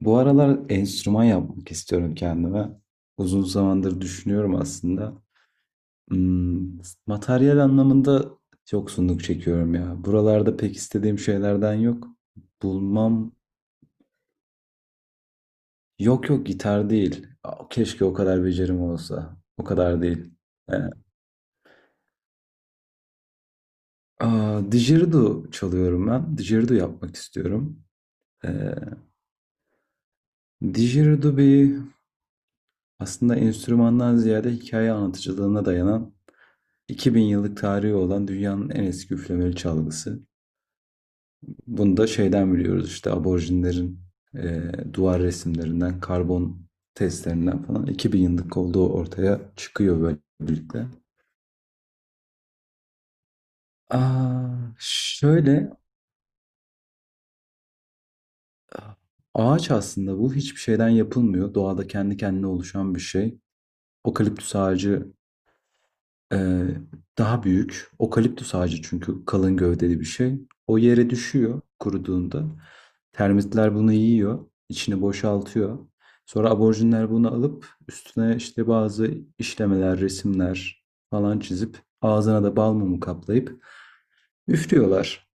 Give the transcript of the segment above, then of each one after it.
Bu aralar enstrüman yapmak istiyorum kendime. Uzun zamandır düşünüyorum aslında. Hmm, materyal anlamında yoksunluk çekiyorum ya. Buralarda pek istediğim şeylerden yok. Bulmam. Yok yok, gitar değil. Keşke o kadar becerim olsa. O kadar değil. Ee, Didgeridoo çalıyorum ben. Didgeridoo yapmak istiyorum. Ee, Didgeridoo bir aslında enstrümandan ziyade hikaye anlatıcılığına dayanan 2000 yıllık tarihi olan dünyanın en eski üflemeli çalgısı. Bunu da şeyden biliyoruz işte aborjinlerin duvar resimlerinden, karbon testlerinden falan 2000 yıllık olduğu ortaya çıkıyor böylelikle. Aa, Şöyle, ağaç aslında. Bu hiçbir şeyden yapılmıyor, doğada kendi kendine oluşan bir şey. Okaliptüs ağacı Ee, daha büyük. Okaliptüs ağacı çünkü kalın gövdeli bir şey. O yere düşüyor kuruduğunda. Termitler bunu yiyor, içini boşaltıyor. Sonra aborjinler bunu alıp üstüne işte bazı işlemeler, resimler falan çizip ağzına da bal mumu kaplayıp üflüyorlar.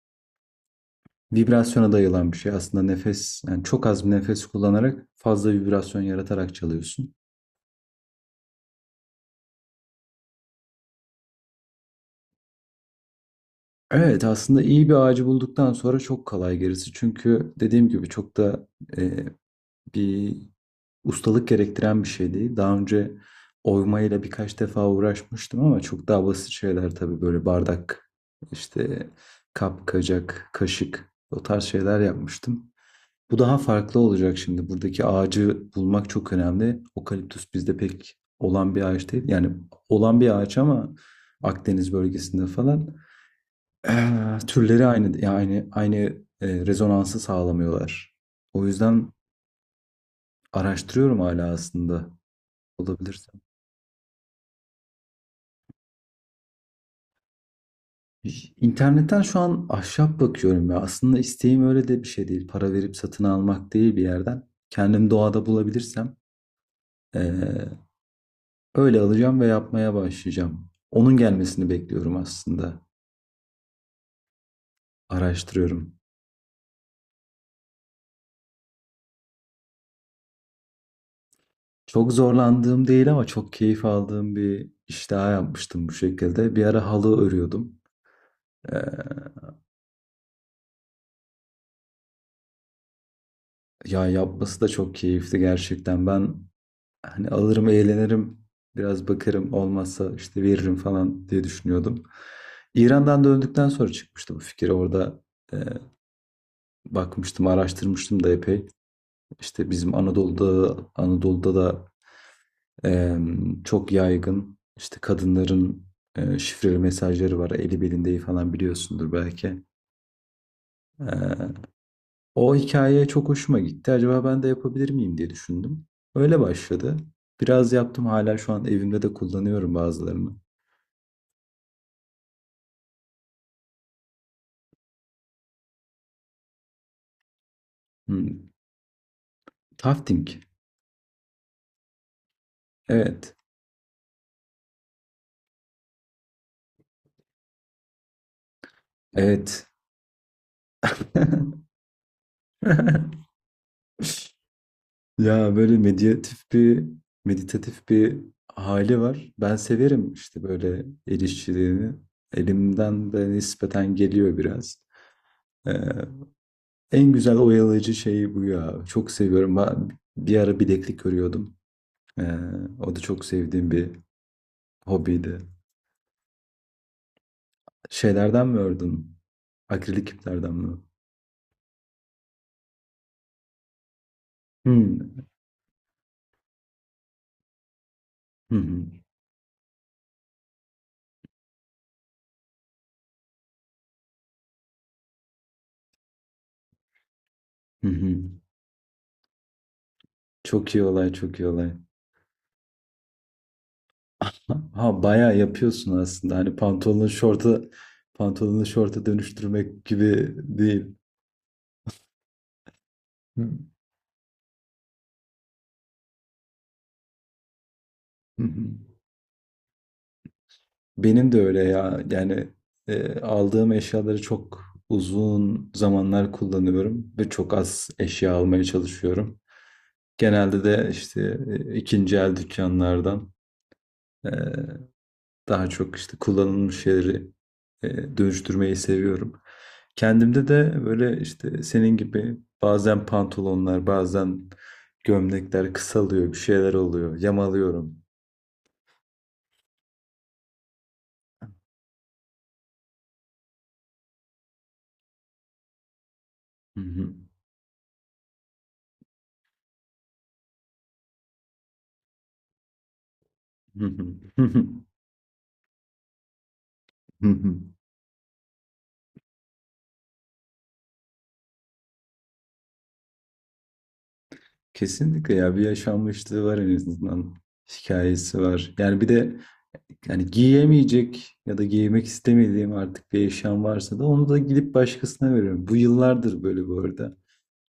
Vibrasyona dayalı bir şey aslında, nefes yani. Çok az bir nefes kullanarak fazla vibrasyon yaratarak çalıyorsun. Evet, aslında iyi bir ağacı bulduktan sonra çok kolay gerisi. Çünkü dediğim gibi çok da e, bir ustalık gerektiren bir şey değil. Daha önce oymayla birkaç defa uğraşmıştım ama çok daha basit şeyler tabii, böyle bardak, işte kap, kacak, kaşık, o tarz şeyler yapmıştım. Bu daha farklı olacak şimdi. Buradaki ağacı bulmak çok önemli. Okaliptüs bizde pek olan bir ağaç değil. Yani olan bir ağaç ama Akdeniz bölgesinde falan. Türleri aynı, yani aynı rezonansı sağlamıyorlar. O yüzden araştırıyorum hala, aslında olabilirsem. İnternetten şu an ahşap bakıyorum ya. Aslında isteğim öyle de bir şey değil. Para verip satın almak değil bir yerden. Kendim doğada bulabilirsem eee, öyle alacağım ve yapmaya başlayacağım. Onun gelmesini bekliyorum aslında. Araştırıyorum. Çok zorlandığım değil ama çok keyif aldığım bir iş daha yapmıştım bu şekilde. Bir ara halı örüyordum. Eee, Ya, yapması da çok keyifli gerçekten. Ben hani alırım, eğlenirim, biraz bakarım, olmazsa işte veririm falan diye düşünüyordum. İran'dan döndükten sonra çıkmıştı bu fikir. Orada e, bakmıştım, araştırmıştım da epey. İşte bizim Anadolu'da da e, çok yaygın, işte kadınların şifreli mesajları var. Eli belinde falan, biliyorsundur belki. E, O hikaye çok hoşuma gitti. Acaba ben de yapabilir miyim diye düşündüm. Öyle başladı. Biraz yaptım, hala şu an evimde de kullanıyorum bazılarını. Hmm. Tafting. Evet. Evet. Ya, böyle meditatif bir meditatif bir hali var. Ben severim işte böyle el işçiliğini. Elimden de nispeten geliyor biraz. Ee, en güzel oyalayıcı şey bu ya. Çok seviyorum. Ben bir ara bileklik örüyordum. Ee, o da çok sevdiğim bir hobiydi. Şeylerden mi ördün? Akrilik iplerden mi? Hmm. Hı hı. Hı hı. Çok iyi olay, çok iyi olay. Ha, ha, bayağı yapıyorsun aslında. Hani pantolonu şorta dönüştürmek gibi değil. Hı hı. Benim de öyle ya. Yani aldığım eşyaları çok uzun zamanlar kullanıyorum ve çok az eşya almaya çalışıyorum. Genelde de işte ikinci el dükkanlardan. Ee, Daha çok işte kullanılmış şeyleri dönüştürmeyi seviyorum. Kendimde de böyle işte senin gibi bazen pantolonlar, bazen gömlekler kısalıyor, bir şeyler oluyor, yamalıyorum. Hı hı, hı hı, hı hı, hı hı. Kesinlikle ya, bir yaşanmışlığı var en azından. Hikayesi var. Yani bir de, yani giyemeyecek ya da giymek istemediğim artık bir eşyam varsa da onu da gidip başkasına veriyorum. Bu yıllardır böyle bu arada.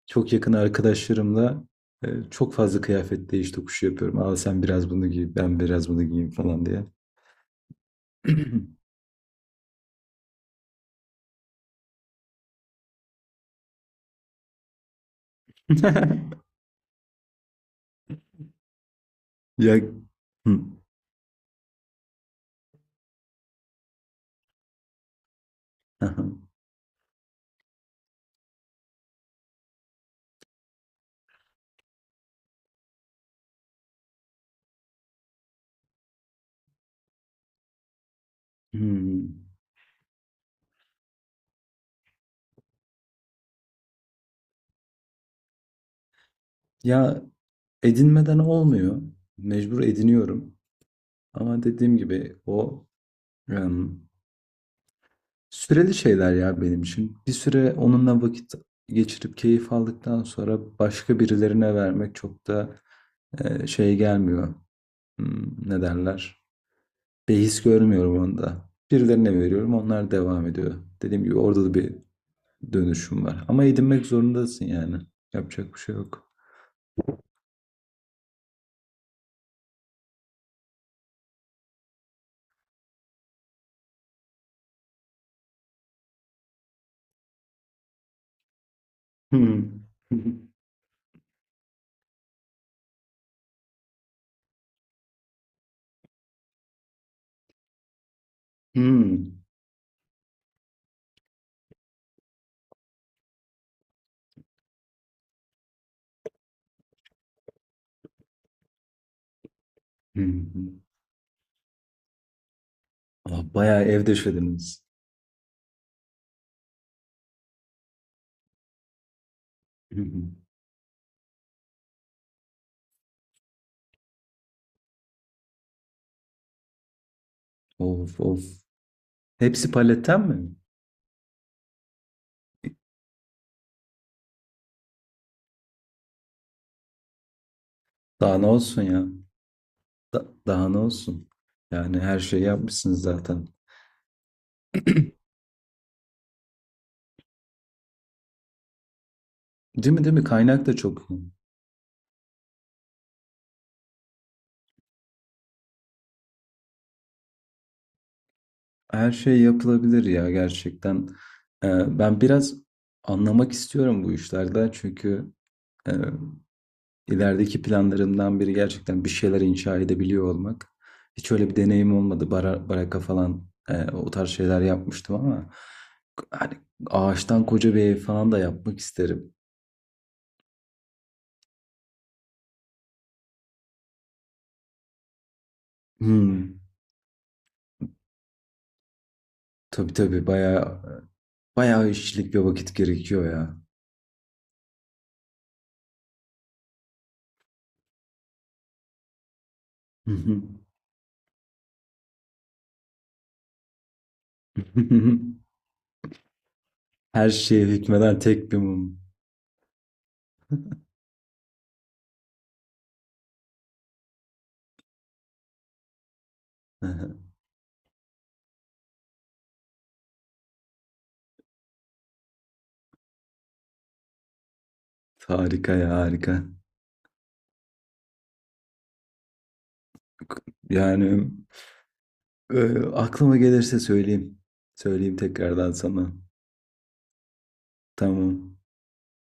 Çok yakın arkadaşlarımla çok fazla kıyafet değiş tokuşu yapıyorum. Aa, sen biraz bunu giy, ben biraz bunu giyeyim falan diye. Ya. Hı, aha. Hmm. Ya, edinmeden olmuyor. Mecbur ediniyorum. Ama dediğim gibi o em, süreli şeyler ya benim için. Bir süre onunla vakit geçirip keyif aldıktan sonra başka birilerine vermek çok da şey gelmiyor. Ne derler? Behis görmüyorum onda. Birilerine veriyorum, onlar devam ediyor. Dediğim gibi orada da bir dönüşüm var. Ama edinmek zorundasın yani. Yapacak bir şey yok. Hmm. Hmm. Hmm. Bayağı ev deşlediniz. Of of. Hepsi paletten mi? Daha ne olsun ya? Daha ne olsun? Yani her şeyi yapmışsınız zaten. Değil mi, değil mi? Kaynak da çok iyi. Her şey yapılabilir ya, gerçekten. Ben biraz anlamak istiyorum bu işlerden çünkü e, ilerideki planlarımdan biri gerçekten bir şeyler inşa edebiliyor olmak. Hiç öyle bir deneyim olmadı. Baraka falan, o tarz şeyler yapmıştım ama hani ağaçtan koca bir ev falan da yapmak isterim. Hmm. Tabii tabii, bayağı bayağı işçilik ve vakit gerekiyor ya. Hı hı. Her şeye hükmeden tek bir mum. Harika ya, harika. Yani aklıma gelirse söyleyeyim. Söyleyeyim tekrardan sana. Tamam.